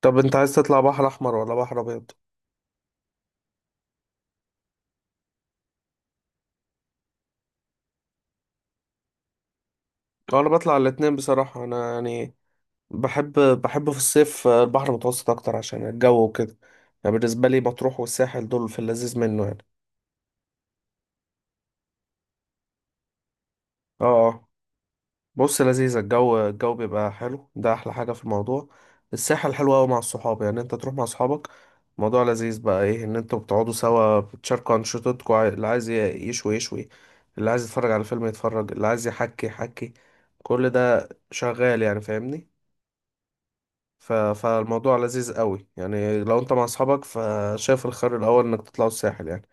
طب انت عايز تطلع بحر احمر ولا بحر ابيض؟ اه، انا بطلع الاتنين بصراحة. انا يعني بحب بحب في الصيف البحر المتوسط اكتر عشان الجو وكده. يعني بالنسبة لي مطروح والساحل دول في اللذيذ منه يعني. اه اه. بص، لذيذ، الجو بيبقى حلو، ده احلى حاجة في الموضوع. الساحل حلو قوي مع الصحاب، يعني انت تروح مع صحابك الموضوع لذيذ بقى. ايه ان انتوا بتقعدوا سوا، بتشاركوا انشطتكم، اللي عايز يشوي يشوي، اللي عايز يتفرج على فيلم يتفرج، اللي عايز يحكي يحكي. كل ده شغال، يعني فاهمني. فالموضوع لذيذ قوي يعني، لو انت مع اصحابك فشايف الخير الاول انك تطلعوا الساحل يعني.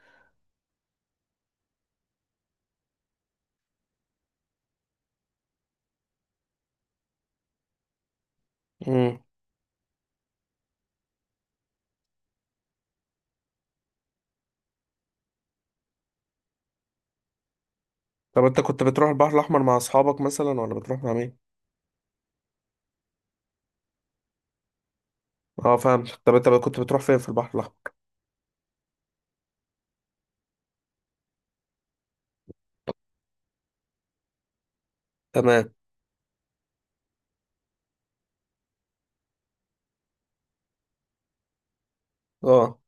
امم. طب انت كنت بتروح البحر الاحمر مع اصحابك مثلا ولا بتروح مع مين؟ اه فاهم. طب انت كنت بتروح فين في البحر الاحمر؟ تمام. اه.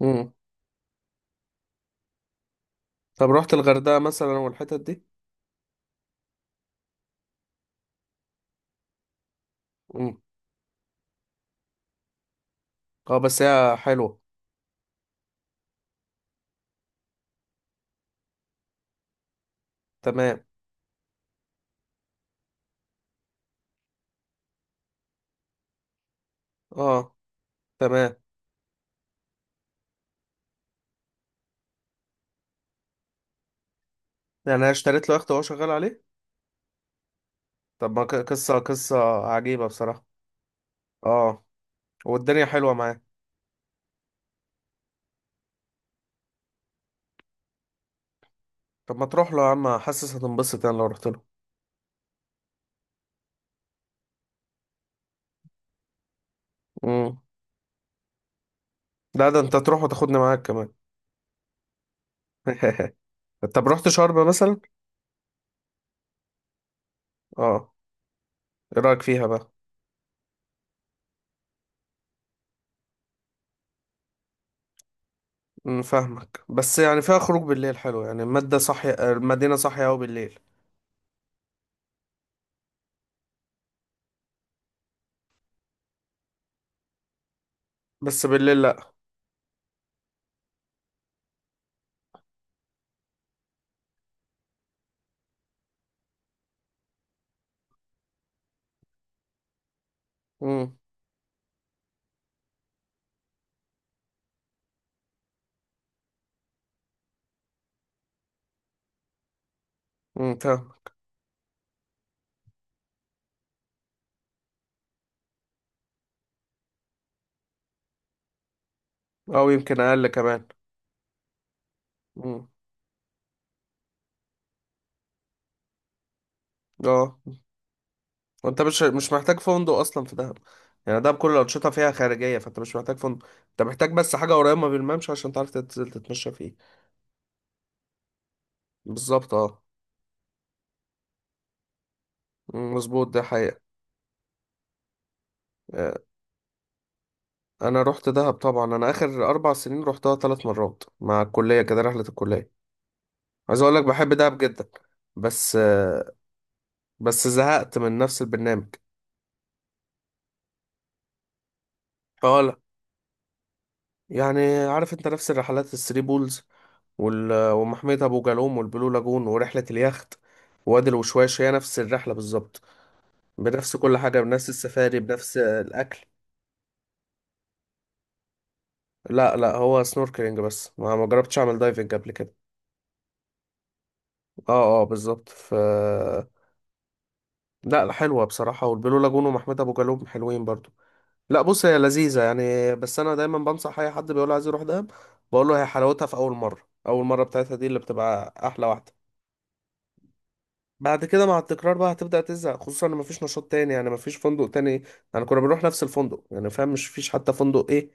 امم. طب رحت الغردقه مثلا والحتت دي؟ امم. اه بس هي حلوه. تمام. اه. تمام. يعني انا اشتريت له يخت وهو شغال عليه. طب ما قصه قصه عجيبه بصراحه. اه، والدنيا حلوه معاه. طب ما تروح له يا عم، حاسس هتنبسط يعني لو رحت له. امم. لا ده انت تروح وتاخدني معاك كمان. طب رحت شرم مثلا؟ اه، ايه رايك فيها بقى؟ أمم، فاهمك، بس يعني فيها خروج بالليل حلو، يعني المادة صاحية، المدينة صاحية أوي بالليل. بس بالليل لأ. امم، امم، فاهمك. أو يمكن أقل كمان. امم. اه، وانت مش محتاج فندق أصلا في دهب، يعني دهب كل الأنشطة فيها خارجية، فانت مش محتاج فندق، انت محتاج بس حاجة قريبة من الممشى عشان تعرف تنزل تتمشى فيه. بالظبط اه. أمم، مظبوط ده حقيقة. انا رحت دهب طبعا، انا اخر اربع سنين رحتها ثلاث مرات مع الكليه، كده رحله الكليه. عايز اقول لك بحب دهب جدا، بس بس زهقت من نفس البرنامج. فلا، يعني عارف انت نفس الرحلات: الثري بولز ومحمية ابو جالوم والبلو لاجون ورحله اليخت، وادي الوشواش. هي نفس الرحله بالظبط، بنفس كل حاجه، بنفس السفاري، بنفس الاكل. لا لا، هو سنوركلينج بس، ما جربتش اعمل دايفنج قبل كده. اه اه بالظبط. لا لا، حلوة بصراحة، والبلو لاجون ومحمود أبو جالوم حلوين برضو. لا بص، هي لذيذة يعني، بس أنا دايما بنصح أي حد بيقول عايز يروح دهب، بقول له هي حلاوتها في أول مرة. أول مرة بتاعتها دي اللي بتبقى أحلى واحدة. بعد كده مع التكرار بقى هتبدأ تزهق، خصوصا إن مفيش نشاط تاني، يعني مفيش فندق تاني، يعني كنا بنروح نفس الفندق، يعني فاهم، مش فيش حتى فندق إيه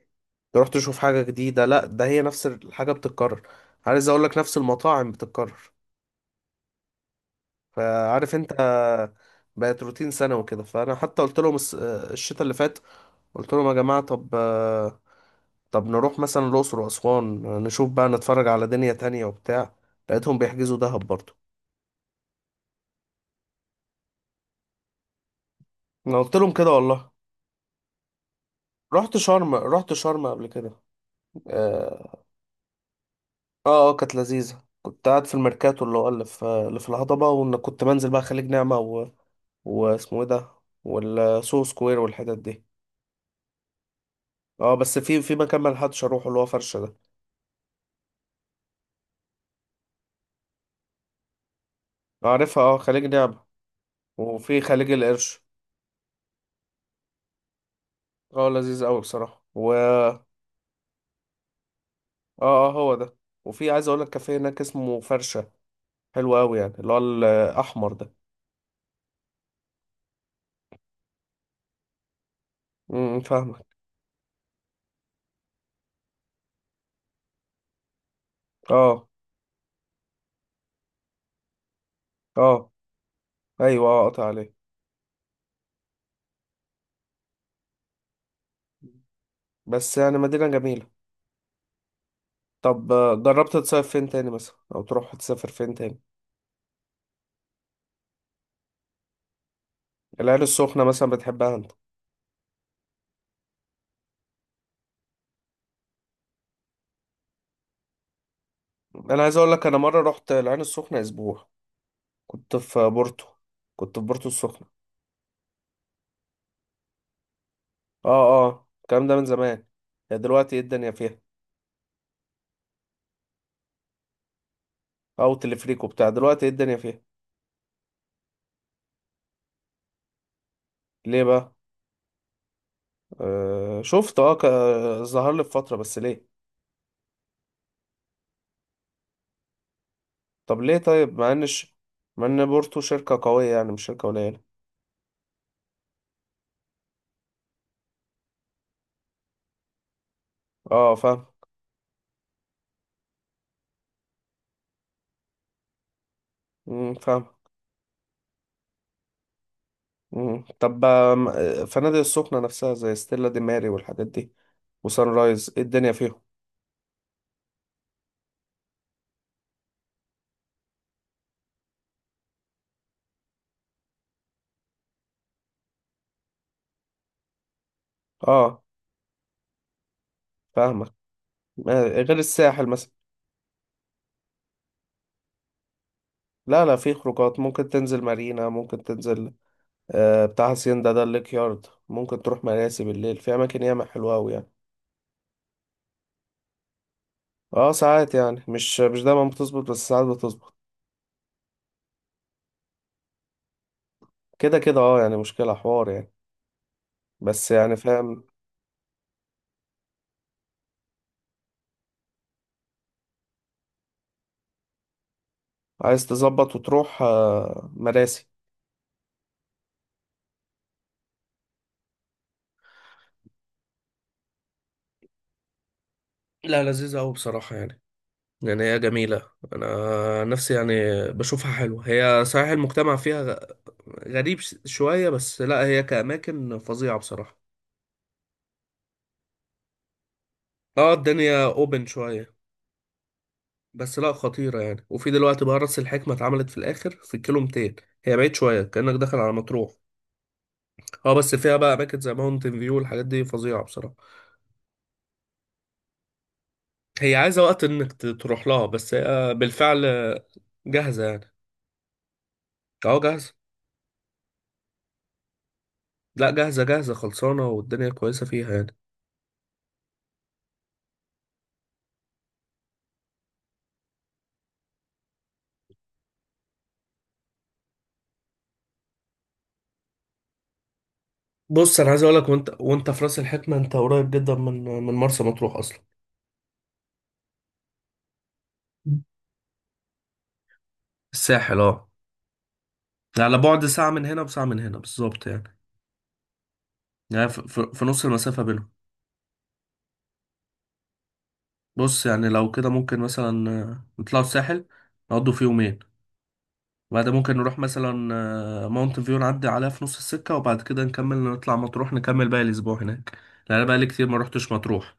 تروح تشوف حاجة جديدة، لا ده هي نفس الحاجة بتتكرر. عايز أقول لك نفس المطاعم بتتكرر، فعارف انت، بقت روتين سنة وكده. فانا حتى قلت لهم الشتاء اللي فات، قلت لهم يا جماعة، طب نروح مثلا الأقصر وأسوان، نشوف بقى، نتفرج على دنيا تانية وبتاع، لقيتهم بيحجزوا دهب برضه. أنا قلت لهم كده والله. رحت شرم قبل كده. اه اه. كانت لذيذة. كنت قاعد في الميركاتو اللي هو اللي في الهضبة، وإن كنت بنزل بقى خليج نعمة واسمه ايه ده، والسو سكوير والحتت دي. اه بس في مكان ملحقتش اروحه اللي هو فرشة ده. عارفها، اه، خليج نعمة. وفي خليج القرش. اه لذيذ قوي بصراحة و اه اه هو ده. وفي، عايز اقول لك، كافيه هناك اسمه فرشة، حلو قوي يعني اللي هو الاحمر ده. فاهمك. اه اه ايوه اه. قطع عليه. بس يعني مدينة جميلة. طب جربت تصيف فين تاني مثلا، او تروح تسافر فين تاني؟ العين السخنة مثلا بتحبها انت؟ انا عايز اقول لك، انا مرة رحت العين السخنة اسبوع، كنت في بورتو كنت في بورتو السخنة. اه اه. الكلام ده من زمان، يعني دلوقتي ايه الدنيا فيها؟ او تلفريكو بتاع، دلوقتي ايه الدنيا فيها؟ ليه بقى؟ آه شفت، ظهر لي في فتره، بس ليه؟ طب ليه طيب، مع ان بورتو شركه قويه، يعني مش شركه قليله. اه فاهم. مم، فاهم. مم. طب فنادق السخنه نفسها زي ستيلا دي ماري والحاجات دي، وسان رايز، ايه الدنيا فيهم؟ اه فاهمك. غير الساحل مثلا. لا لا، في خروجات، ممكن تنزل مارينا، ممكن تنزل بتاع هاسيندا ده، الليك يارد، ممكن تروح مراسي بالليل، في اماكن ياما حلوه قوي. اه ساعات يعني، مش دايما بتظبط، بس ساعات بتظبط. كده كده اه، يعني مشكلة حوار يعني. بس يعني فاهم. عايز تظبط وتروح مراسي. لا لذيذة أوي بصراحة يعني، يعني هي جميلة. أنا نفسي يعني بشوفها حلوة، هي صحيح المجتمع فيها غريب شوية، بس لا هي كأماكن فظيعة بصراحة. اه الدنيا اوبن شوية، بس لا خطيرة يعني. وفي دلوقتي بقى راس الحكمة اتعملت في الآخر في الكيلو 200، هي بعيد شوية، كأنك داخل على مطروح. اه بس فيها بقى اماكن زي ماونتن فيو والحاجات دي، فظيعه بصراحه. هي عايزه وقت انك تروح لها، بس هي بالفعل جاهزه يعني. اه جاهزه. لا جاهزه جاهزه، خلصانه، والدنيا كويسه فيها يعني. بص، انا عايز اقول لك، وانت في راس الحكمه، انت قريب جدا من مرسى مطروح اصلا. الساحل اه. على بعد ساعه من هنا وساعه من هنا بالظبط يعني، يعني في نص المسافه بينهم. بص يعني لو كده ممكن مثلا نطلعوا الساحل، نقضوا فيه يومين، بعد ممكن نروح مثلا ماونت فيو، نعدي عليها في نص السكة، وبعد كده نكمل نطلع مطروح، نكمل باقي الأسبوع هناك، لأن أنا بقالي كتير ما روحتش مطروح.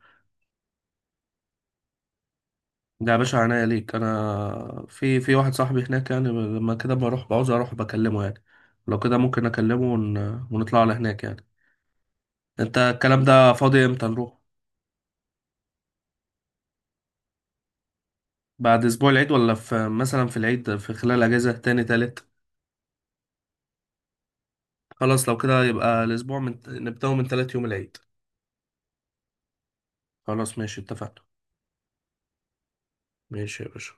ده يا باشا عناية ليك، أنا في واحد صاحبي هناك يعني، لما كده بروح بعوز أروح بكلمه يعني. لو كده ممكن أكلمه ونطلع على هناك يعني. أنت الكلام ده فاضي إمتى نروح؟ بعد أسبوع العيد، ولا في مثلا في العيد، في خلال أجازة تاني تالت؟ خلاص لو كده يبقى الأسبوع نبدأه من تالت يوم العيد. خلاص ماشي، اتفقنا. ماشي يا باشا.